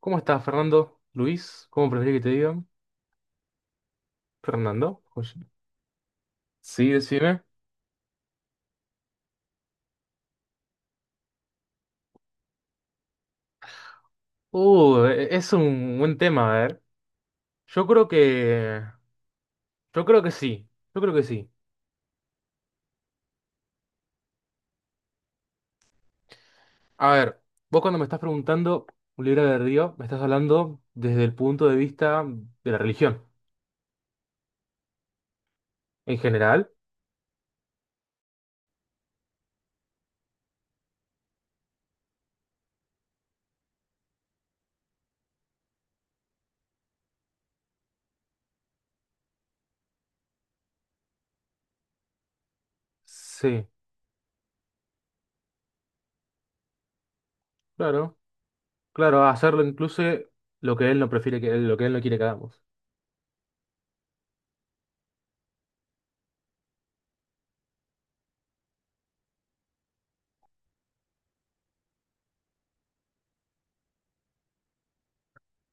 ¿Cómo estás, Fernando? ¿Luis? ¿Cómo preferís que te digan? ¿Fernando? Oye. Sí, decime. Es un buen tema, a ver. Yo creo que. Yo creo que sí. Yo creo que sí. A ver, vos cuando me estás preguntando un libro de Río, me estás hablando desde el punto de vista de la religión. En general. Sí, claro. Claro, a hacerlo incluso lo que él no prefiere que él, lo que él no quiere que hagamos.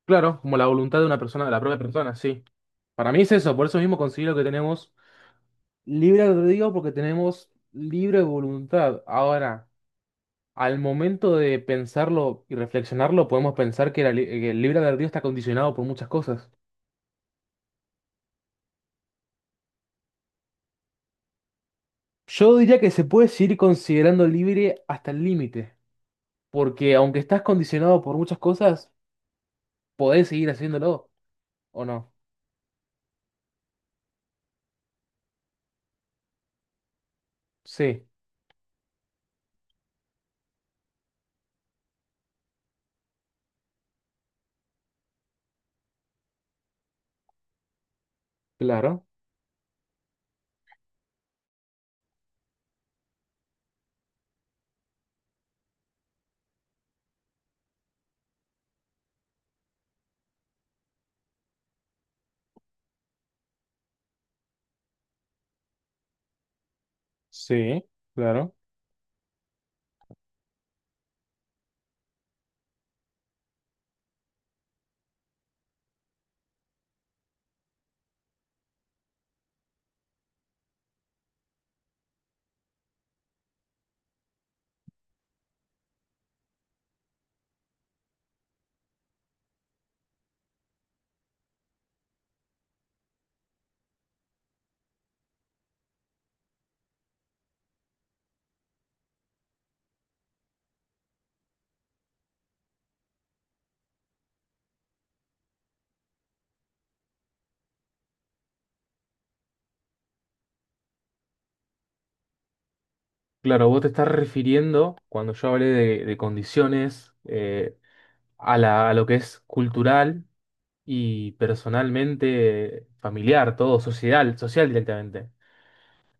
Claro, como la voluntad de una persona, de la propia persona, sí. Para mí es eso, por eso mismo considero que tenemos. Libre albedrío porque tenemos libre voluntad. Ahora, al momento de pensarlo y reflexionarlo, podemos pensar que, que el libre albedrío está condicionado por muchas cosas. Yo diría que se puede seguir considerando libre hasta el límite, porque aunque estás condicionado por muchas cosas, podés seguir haciéndolo, ¿o no? Sí, claro, sí, claro. Claro, vos te estás refiriendo, cuando yo hablé de condiciones, a la- a lo que es cultural y personalmente familiar, todo, social, social directamente.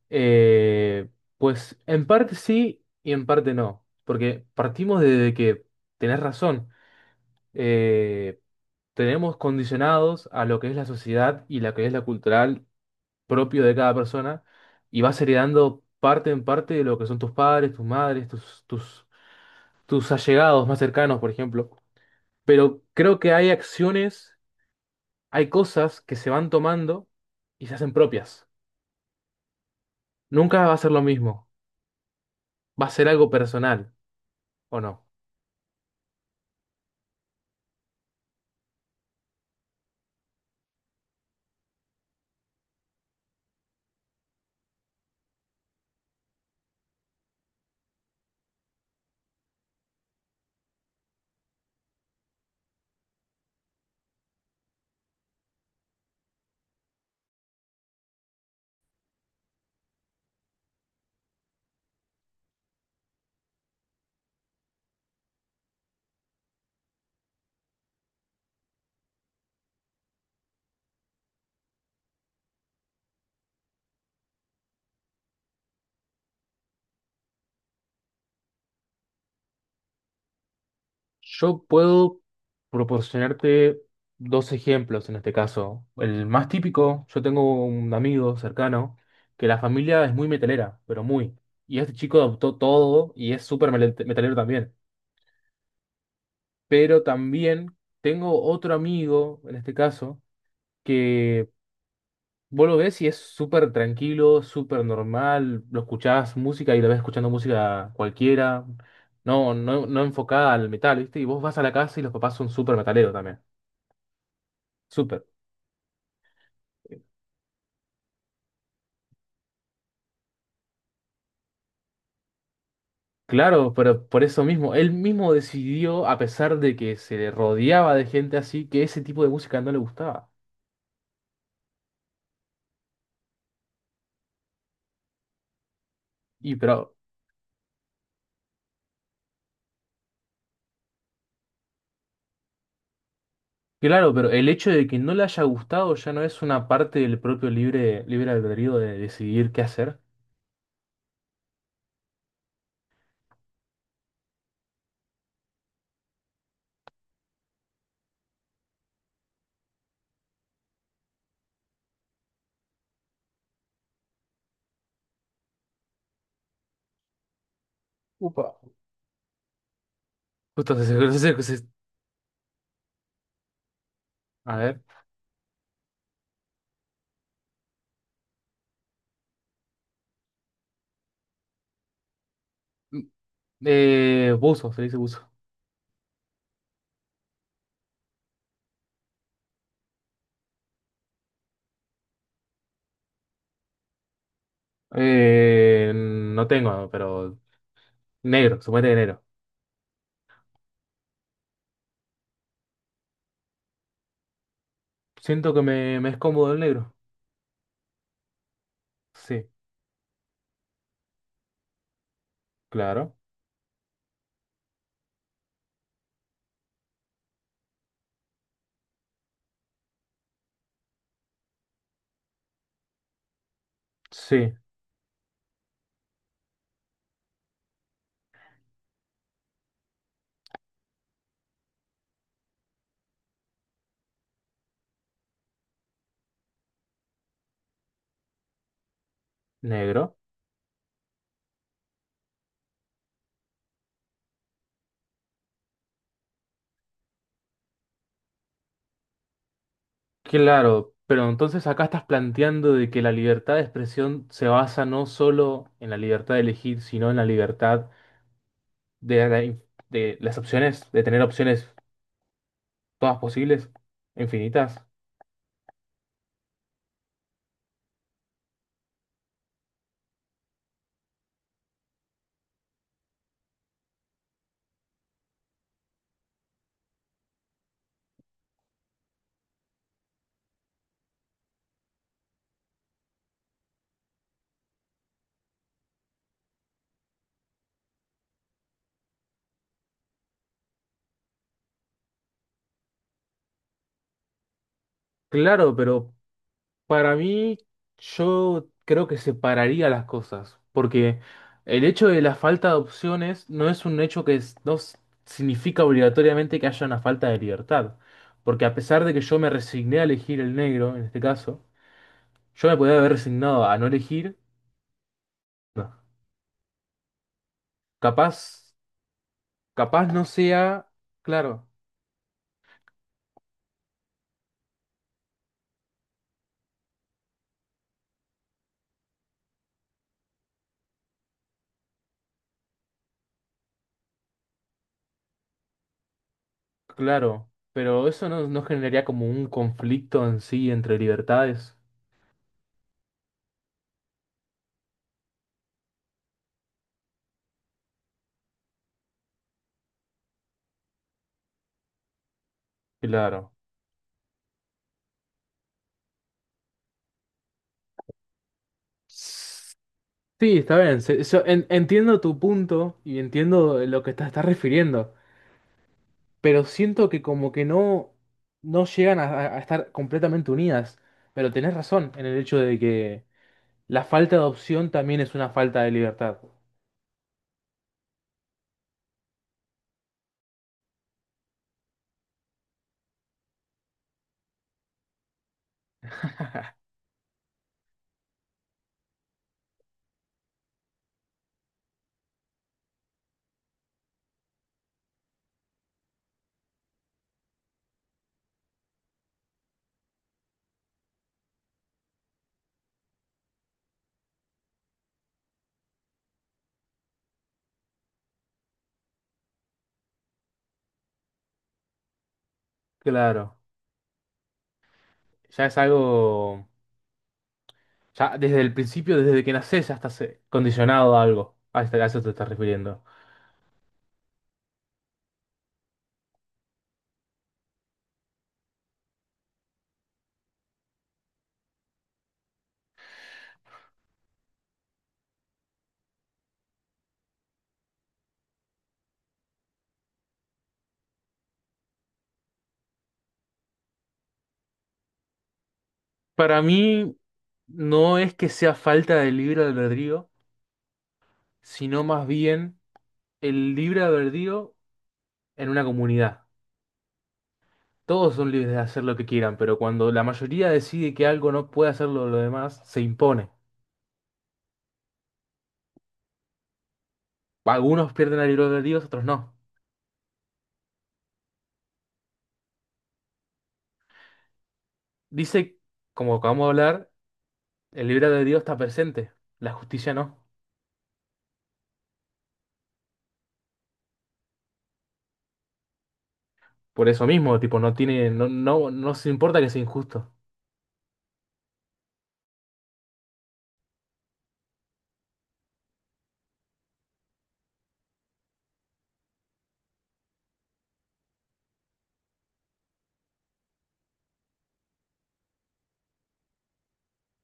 Eh, pues en parte sí y en parte no, porque partimos de que tenés razón, eh, tenemos condicionados a lo que es la sociedad y lo que es la cultural propio de cada persona y vas heredando parte en parte de lo que son tus padres, tus madres, tus allegados más cercanos, por ejemplo. Pero creo que hay acciones hay cosas que se van tomando y se hacen propias. Nunca va a ser lo mismo. Va a ser algo personal, ¿o no? Yo puedo proporcionarte dos ejemplos en este caso. El más típico, yo tengo un amigo cercano que la familia es muy metalera, pero muy. Y este chico adoptó todo y es metalero también. Pero también tengo otro amigo, en este caso, que vos lo ves y es súper tranquilo, súper normal, lo escuchás música y la ves escuchando música cualquiera, no enfocada al metal, ¿viste? Y vos vas a la casa y los papás son súper metaleros también, súper. Claro, pero por eso mismo, él mismo decidió, a pesar de que se le rodeaba de gente así, que ese tipo de música no le gustaba. Y pero, claro, pero el hecho de que no le haya gustado ya no es una parte del propio libre albedrío de decidir qué hacer. Upa. Justo se- se- se- se- a ver. Buzo, se le dice buzo. No tengo, pero negro, suponete de negro. Siento que me es cómodo el negro. Sí, claro. Sí, negro. Claro, pero entonces acá estás planteando de que la libertad de expresión se basa no solo en la libertad de elegir, sino en la libertad de, la in- de las opciones, de tener opciones todas posibles, infinitas. Claro, pero para mí, yo creo que separaría las cosas, porque el hecho de la falta de opciones no es un hecho que es- no s- significa obligatoriamente que haya una falta de libertad, porque a pesar de que yo me resigné a elegir el negro, en este caso, yo me podía haber resignado a no elegir, no. Capaz, capaz no sea, claro, claro, pero eso no generaría como un conflicto en sí entre libertades, claro. Sí, está bien. Entiendo tu punto y entiendo lo que te estás refiriendo, pero siento que como que no, no llegan a estar completamente unidas. Pero tenés razón en el hecho de que la falta de opción también es una falta de libertad. Claro. Ya es algo, ya desde el principio, desde que nacés, ya estás condicionado a algo. A este- a eso te estás refiriendo. Para mí no es que sea falta de libre albedrío, sino más bien el libre albedrío en una comunidad. Todos son libres de hacer lo que quieran, pero cuando la mayoría decide que algo no puede hacerlo lo demás, se impone. Algunos pierden el libre albedrío, otros no. Dice, como acabamos de hablar, el libre albedrío está presente, la justicia no. Por eso mismo, tipo, no tiene, no se importa que sea injusto.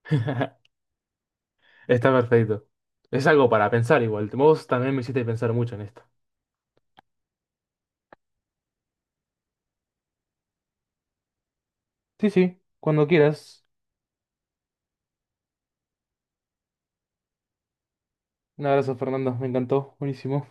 Está perfecto. Es algo para pensar igual. Vos también me hiciste pensar mucho en esto. Sí, sí, cuando quieras. Un abrazo, Fernando. Me encantó. Buenísimo.